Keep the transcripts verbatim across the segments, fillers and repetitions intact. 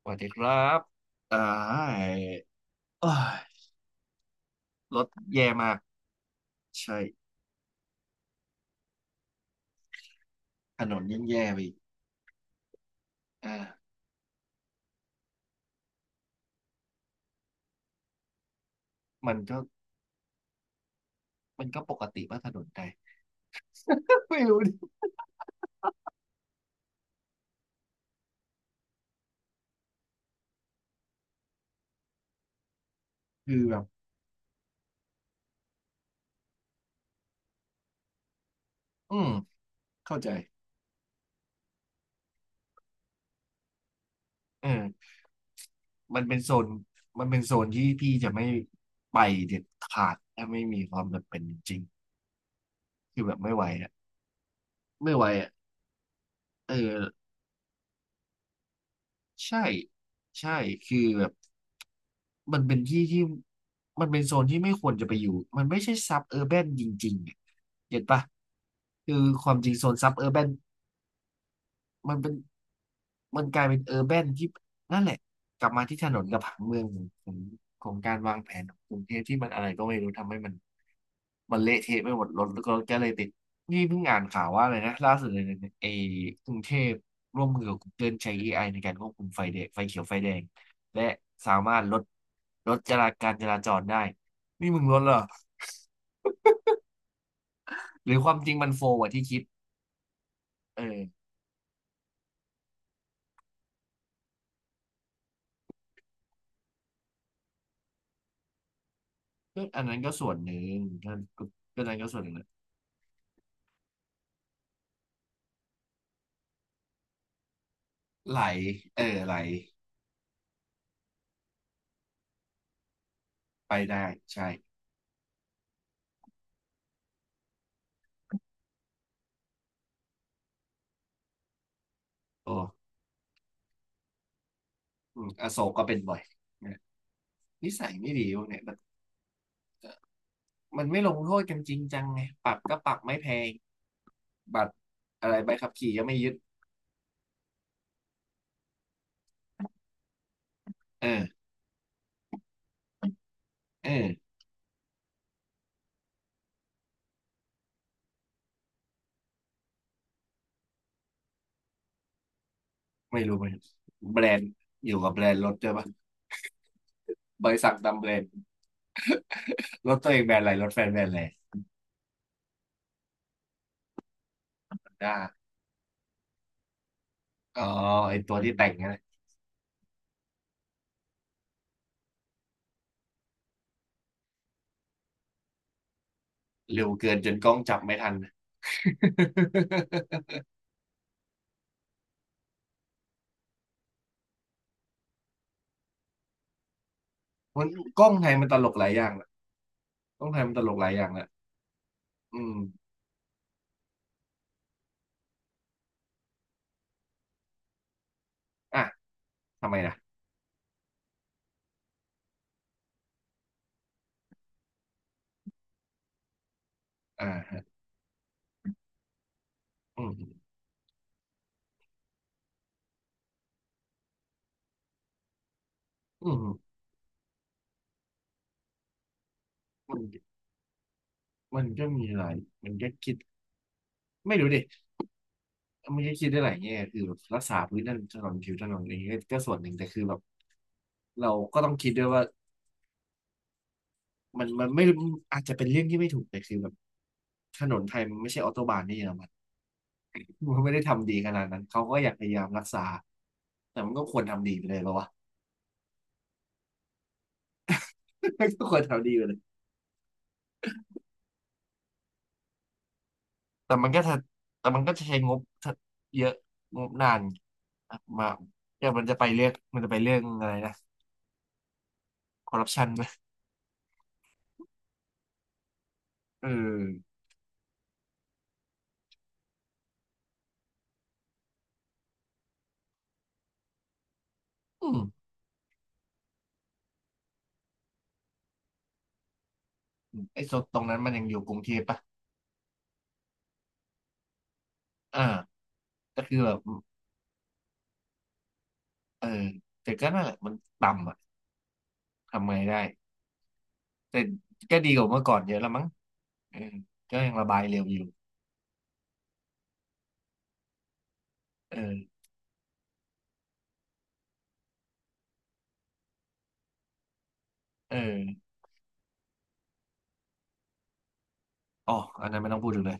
สวัสดีครับอ่าเอ้ยรถแย่มากใช่ถนนยิ่งแย่ไปอีกอ่ามันก็มันก็ปกติว่าถนนไทย ไม่รู้ดิคือแบบอืมเข้าใจเออมันเป็นโซนมันเป็นโซนที่พี่จะไม่ไปเด็ดขาดถ้าไม่มีความจำเป็นจริงคือแบบไม่ไหวอ่ะไม่ไหวอ่ะเออใช่ใช่คือแบบ มันเป็นที่ที่มันเป็นโซนที่ไม่ควรจะไปอยู่ มันไม่ใช่ซับเออร์แบนจริงๆอะเห็นปะ คือความจริงโซนซับเออร์แบนมันเป็น มันกลายเป็นเออร์แบนที่นั่นแหละกลับมาที่ถนนกับผังเมืองของของของการวางแผนของกรุงเทพที่มันอะไรก็ไม่รู้ทำให้มันมันเละเทะไปหมดรถก็ก็เลยติดนี่เพิ่งอ่านข่าวว่าเลยนะล่าสุดเลยนะไอ้กรุงเทพร่วมมือกับ Google ใช้เอไอในการควบคุมไฟแดงไฟเขียวไฟแดงและสามารถลดลดจราการจราจรได้นี่มึงลดเหรอหรือความจริงมันโฟกว่าที่คิดเออก็อันนั้นก็ส่วนหนึ่งก็ก็อันนั้นก็ส่วนหนึ่งนะไหลเออไหล ไปได้ใช่โอ้อืมอโศกก็เป็นบ่อยนะนิสัยไม่ดีพวกเนี่ยมันมันไม่ลงโทษกันจริงจังไงปรับก็ปรับไม่แพงบัตรอะไรใบขับขี่ก็ไม่ยึดเออเออไม่รู้ไหมแบรนด์อยู่กับแบรนด์รถด้วยปะบริษัทตามแบรนด์รถตัวเองแบรนด์อะไรรถแฟนแบรนด์อะไรฮอนด้าอ๋อไอตัวที่แต่งนะเร็วเกินจนกล้องจับไม่ทัน มันกล้องไทยมันตลกหลายอย่างแะกล้องไทยมันตลกหลายอย่างแะอืมอ่ะทำไมนะอ่าฮะอืมอืม มันมันก็มีหลายมันก็คิดไม่รู้ดิมันก็คิดได้หลายแง่คือแบบรักษาพื้นถนนผิวถนนอะไรอย่างเงี้ยก็ส่วนหนึ่งแต่คือแบบเราก็ต้องคิดด้วยว่ามันมันไม่อาจจะเป็นเรื่องที่ไม่ถูกแต่คือแบบถนนไทยมันไม่ใช่ออโตบานที่เยอรมันมันไม่ได้ทำดีขนาดนั้นเขาก็อยากพยายามรักษาแต่มันก็ควรทำดีไปเลยปะวะ ก็ควรทำดีไปเลยแต่มันก็ถ้าแต่มันก็จะใช้งบเยอะงบนานมาเดี๋ยวมันจะไปเรื่องมันจะไปเรื่องอะไรนะคอร์รัปชันไหม เอออืมไอ้โซนตรงนั้นมันยังอยู่กรุงเทพปะอ่าก็คือแบบเออแต่ก็นั่นแหละมันต่ำอ่ะทำไงได้แต่ก็ดีกว่าเมื่อก่อนเยอะแล้วมั้งเออก็ยังระบายเร็วอยู่เออเอออ๋ออันนั้นไม่ต้องพูดถึงเลย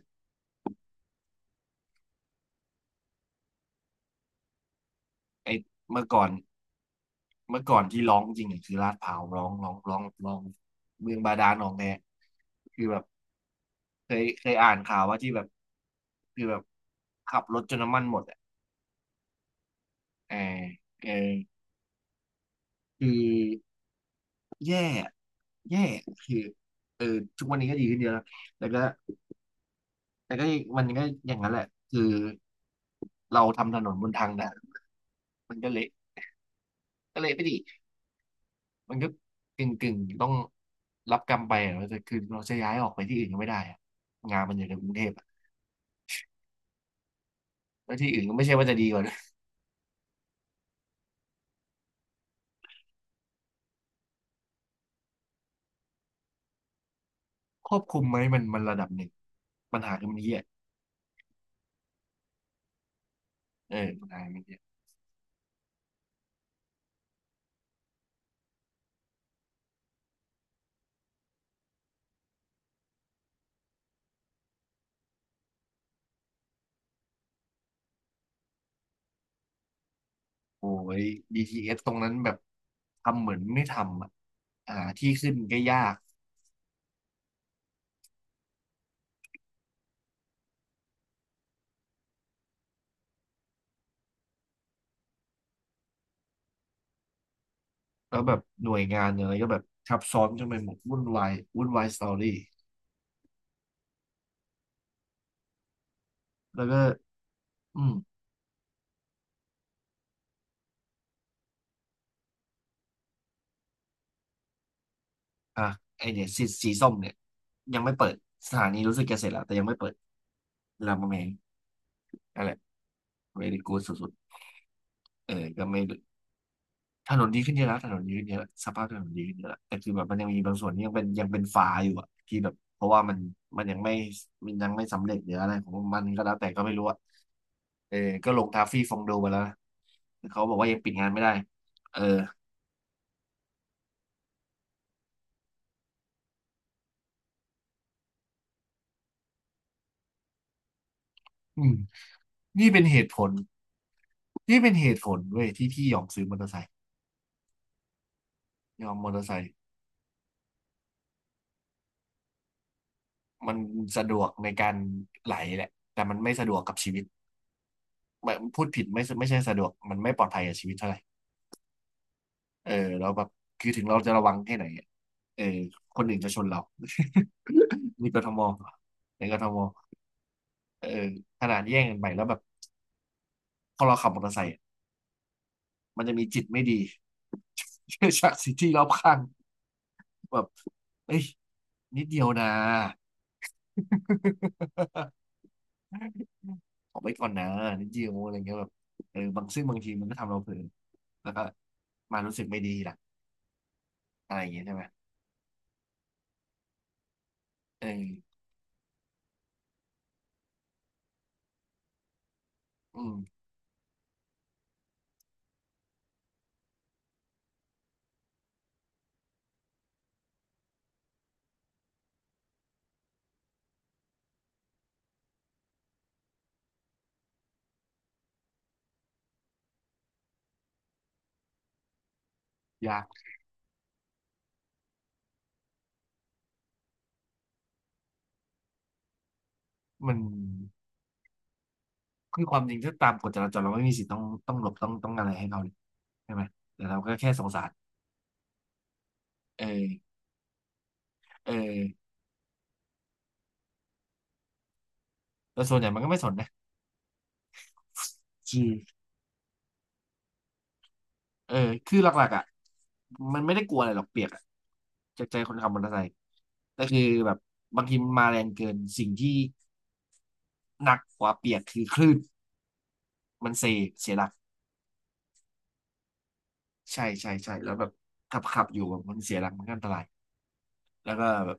ไอ้เมื่อก่อนเมื่อก่อนที่ร้องจริงเนี่ยคือลาดพร้าวร้องร้องร้องร้องเมืองบาดาลหนองแดคือแบบเคยเคยอ่านข่าวว่าที่แบบคือแบบขับรถจนน้ำมันหมดอ่ะเออเออคือแย่ แย่คือเออทุกวันนี้ก็ดีขึ้นเยอะแล้วแต่ก็แต่ก็มันก็อย่างนั้นแหละคือเราทำถนนบนทางด่านมันก็เละก็เละไปดิมันก็กึ่งกึ่งต้องรับกรรมไปอะแต่คือเราจะย้ายออกไปที่อื่นก็ไม่ได้อะงานมันอยู่ในกรุงเทพอะแล้วที่อื่นก็ไม่ใช่ว่าจะดีกว่านะควบคุมไหมมันมันระดับหนึ่งปัญหาคือมันเหี้ยเออปัญหามันเหี้ยโอ้ย บี ที เอส ตรงนั้นแบบทำเหมือนไม่ทำอะ่าที่ขึ้นก็ยาก แล้วแบบหน่วยงานอะไรก็แบบทับซ้อนจนไปหมดวุ่นวายวุ่นวายสตอรี่แล้วก็อืมอ่ะไอเนี่ยสีสีส้มเนี่ยยังไม่เปิดสถานีรู้สึกจะเสร็จแล้วแต่ยังไม่เปิดรามคำแหงอะไรเวลิกูสุดๆเออก็ไมู่ถนนดีขึ้นเยอะแล้วถนนดีขึ้นเยอะแล้วสภาพถนนดีขึ้นเยอะแล้วแต่คือแบบมันยังมีบางส่วนที่ยังเป็นยังเป็นฝาอยู่อ่ะที่แบบเพราะว่ามันมันยังไม่มันยังไม่สำเร็จหรืออะไรของมันก็แล้วแต่ก็ไม่รู้อะเออก็ลงทาฟี่ฟองโดมาแล้วนะเขาบอกว่ายังปิดงานไม่ได้เอออืม นี่เป็นเหตุผลนี่เป็นเหตุผลเว้ยที่พี่ยอมซื้อมอเตอร์ไซค์ยอมมอเตอร์ไซค์มันสะดวกในการไหลแหละแต่มันไม่สะดวกกับชีวิตไม่พูดผิดไม่ไม่ใช่สะดวกมันไม่ปลอดภัยกับชีวิตเท่าไหร่เออเราแล้วแบบคือถึงเราจะระวังแค่ไหนอะเออคนอื่นจะชนเรามีกทมในกทมเออขนาดแย่งกันไปแล้วแบบพอเราขับมอเตอร์ไซค์อะมันจะมีจิตไม่ดี จากสิ่งที่รอบข้างแบบเอ้ยนิดเดียวนะ ออไไปก่อนนะนิดเดียวอะไรเงี้ยแบบเออบางซึ่งบางทีมันก็ทำเราเผลอแล้วก็มารู้สึกไม่ดีล่ะอะไรอย่างเงี้ยใช่ไหมเอออืมยากมันคือความจริงถ้าตามกฎจราจรเราไม่มีสิทธิ์ต้องต้องหลบต้องต้องอะไรให้เขาเลยใช่ไหมแต่เราก็แค่สงสารเออเออแต่ส่วนใหญ่มันก็ไม่สนนะคือเออคือหลักๆอ่ะมันไม่ได้กลัวอะไรหรอกเปียกอะจากใจคนขับมอเตอร์ไซค์แต่คือแบบบางทีมันมาแรงเกินสิ่งที่หนักกว่าเปียกคือคลื่น มันเซเสียหลักใช่ใช่ใช่แล้วแบบขับขับอยู่แบบมันเสียหลักมันก็อันตรายแล้วก็แบบ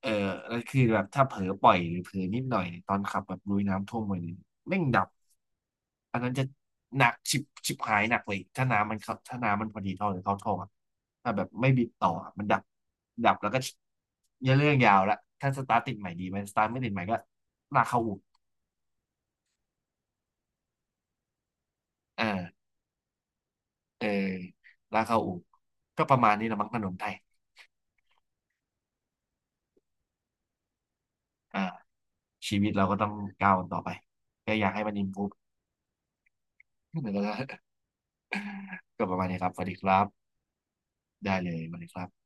เออแล้วคือแบบถ้าเผลอปล่อยหรือเผลอนิดหน่อยเนี่ยตอนขับแบบลุยน้ำท่วมไปเนี่ยแม่งดับอันนั้นจะหนักชิบชิบหายหนักเลยถ้าน้ำมันเข้าถ้าน้ำมันพอดีท่อหรือเข้าท่ออะถ้าแบบไม่บิดต่ออะมันดับดับแล้วก็เยอะเรื่องยาวละถ้าสตาร์ทติดใหม่ดีไหมสตาร์ทไม่ติดใหม่ก็ลากเข้าอู่อ่าเออลากเข้าอู่ก็ประมาณนี้ละมั้งถนนไทยอ่า ชีวิตเราก็ต้องก้าวกันต่อไปก็อยากให้มัน improve ก็ประมาณนี้ครับสวัสดีครับได้เลยสวัสดีครับ